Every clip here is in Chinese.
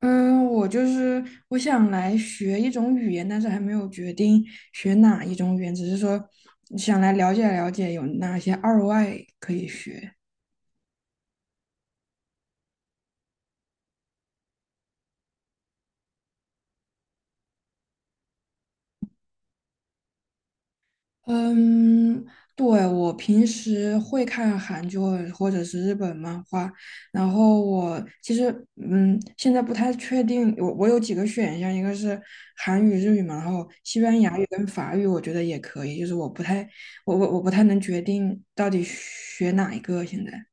嗯，我就是，我想来学一种语言，但是还没有决定学哪一种语言，只是说想来了解了解有哪些二外可以学。嗯，对，我平时会看韩剧或者是日本漫画，然后我其实现在不太确定，我有几个选项，一个是韩语、日语嘛，然后西班牙语跟法语，我觉得也可以，我不太能决定到底学哪一个现在。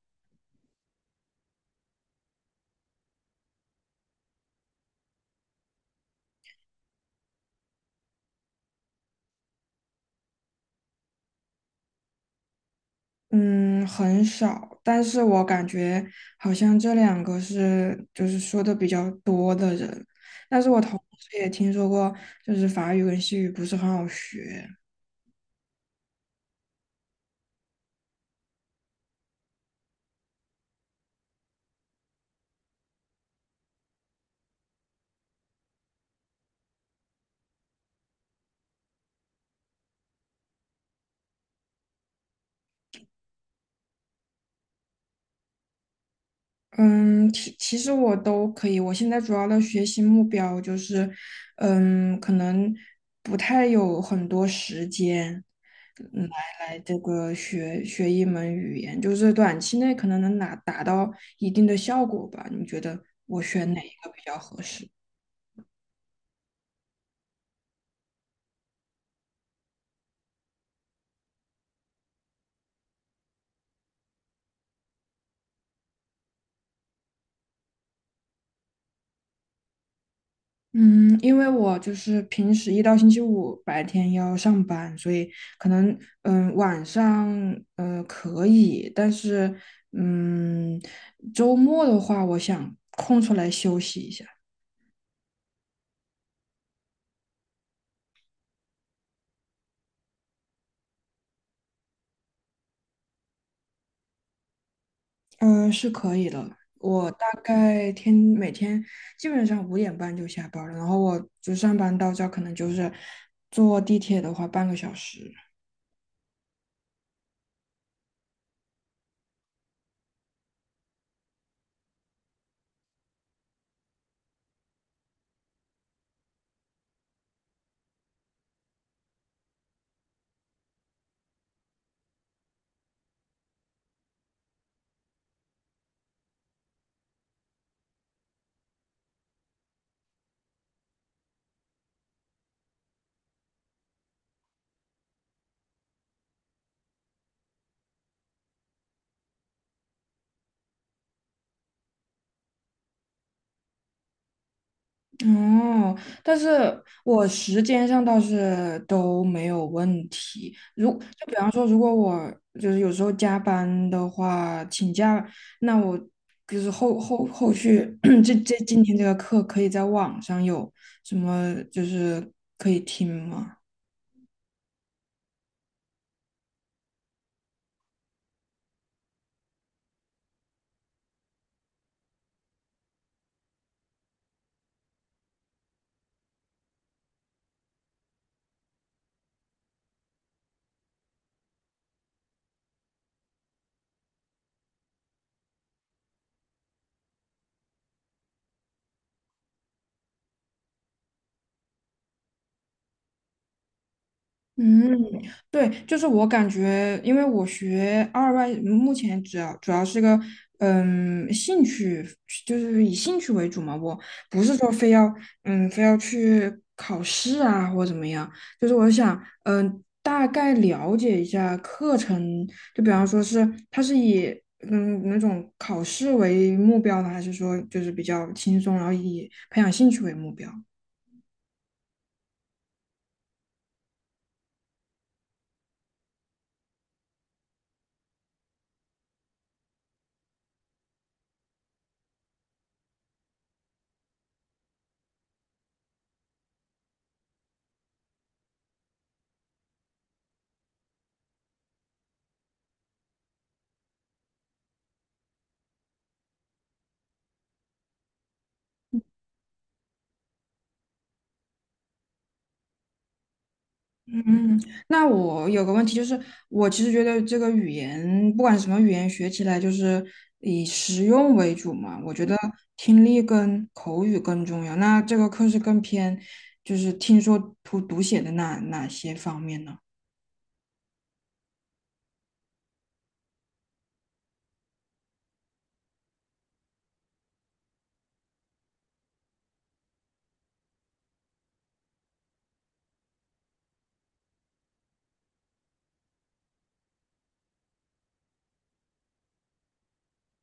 嗯，很少，但是我感觉好像这两个是就是说的比较多的人，但是我同时也听说过，就是法语跟西语不是很好学。嗯，其实我都可以，我现在主要的学习目标就是，可能不太有很多时间，来这个学一门语言，就是短期内可能能达到一定的效果吧。你觉得我选哪一个比较合适？嗯，因为我就是平时一到星期五白天要上班，所以可能晚上可以，但是嗯周末的话，我想空出来休息一下，嗯，是可以的。我大概每天基本上5:30就下班了，然后我就上班到这儿可能就是坐地铁的话半个小时。哦，但是我时间上倒是都没有问题。比方说，如果我就是有时候加班的话，请假，那我就是后续 今天这个课可以在网上有什么就是可以听吗？嗯，对，就是我感觉，因为我学二外，目前主要是个兴趣，就是以兴趣为主嘛。我不是说非要嗯非要去考试啊或怎么样，就是我想大概了解一下课程，就比方说是它是以那种考试为目标呢，还是说就是比较轻松，然后以培养兴趣为目标？嗯，那我有个问题，就是我其实觉得这个语言，不管什么语言，学起来就是以实用为主嘛。我觉得听力跟口语更重要。那这个课是更偏，就是听说读写的哪些方面呢？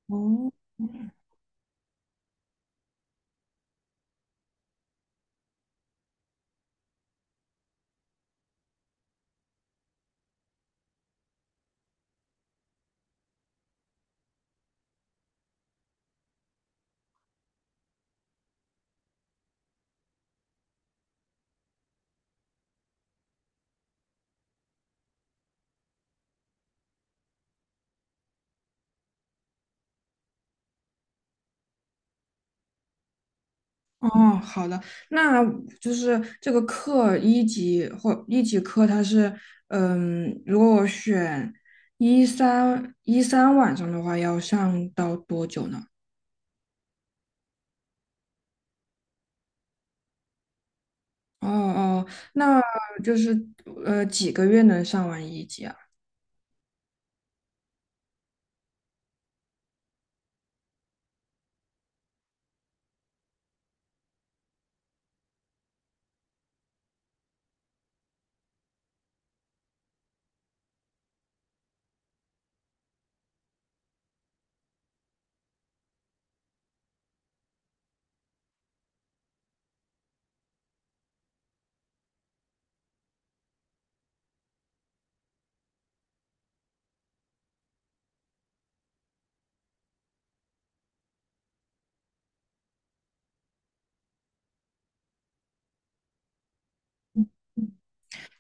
哦，哦，好的，那就是这个课一级或一级课，它是，如果我选一三晚上的话，要上到多久呢？哦哦，那就是几个月能上完一级啊？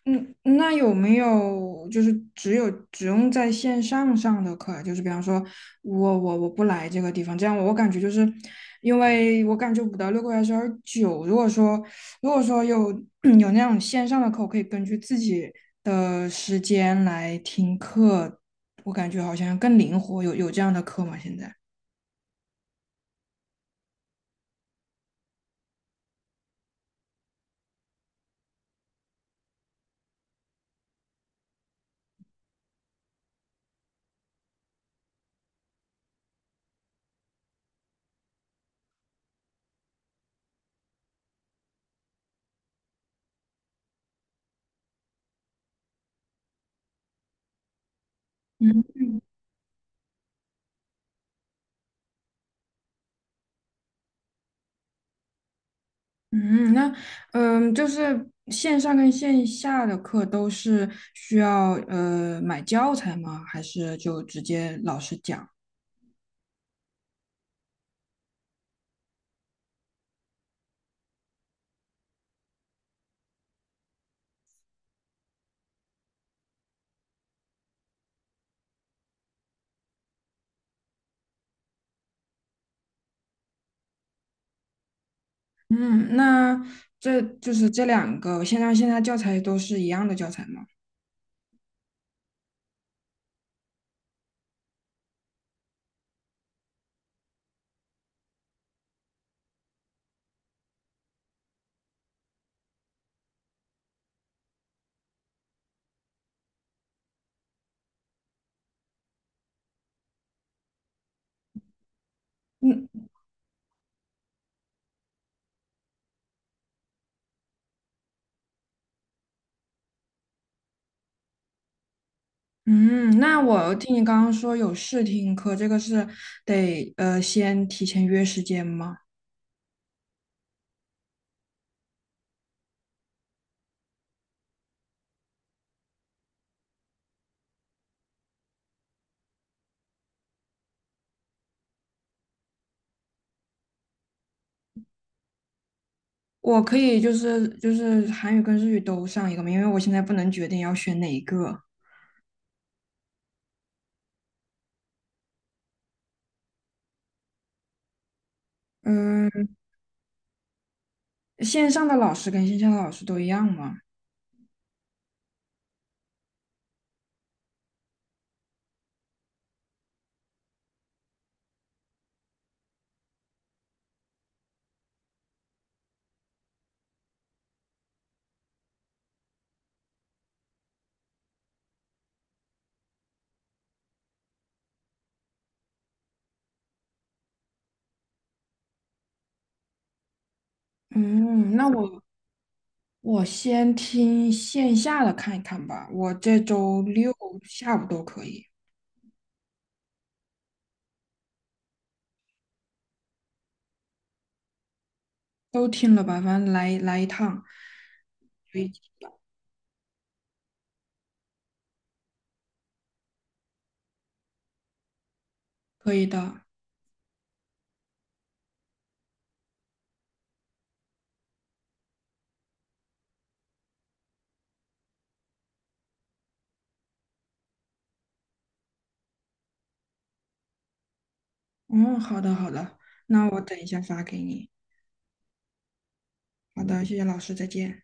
嗯，那有没有就是只用在线上上的课啊？就是比方说我不来这个地方，这样我感觉就是，因为我感觉5到6个月还是有点久。如果说有 有那种线上的课，我可以根据自己的时间来听课，我感觉好像更灵活。有这样的课吗？现在？嗯，那就是线上跟线下的课都是需要买教材吗？还是就直接老师讲？嗯，那就是这两个线上线下教材都是一样的教材吗？嗯嗯，那我听你刚刚说有试听课，这个是得先提前约时间吗？我可以就是韩语跟日语都上一个吗？因为我现在不能决定要选哪一个。嗯。线上的老师跟线下的老师都一样吗？嗯，那我先听线下的看一看吧。我这周六下午都可以，都听了吧，反正来一趟，可以的。嗯，好的好的，那我等一下发给你。好的，谢谢老师，再见。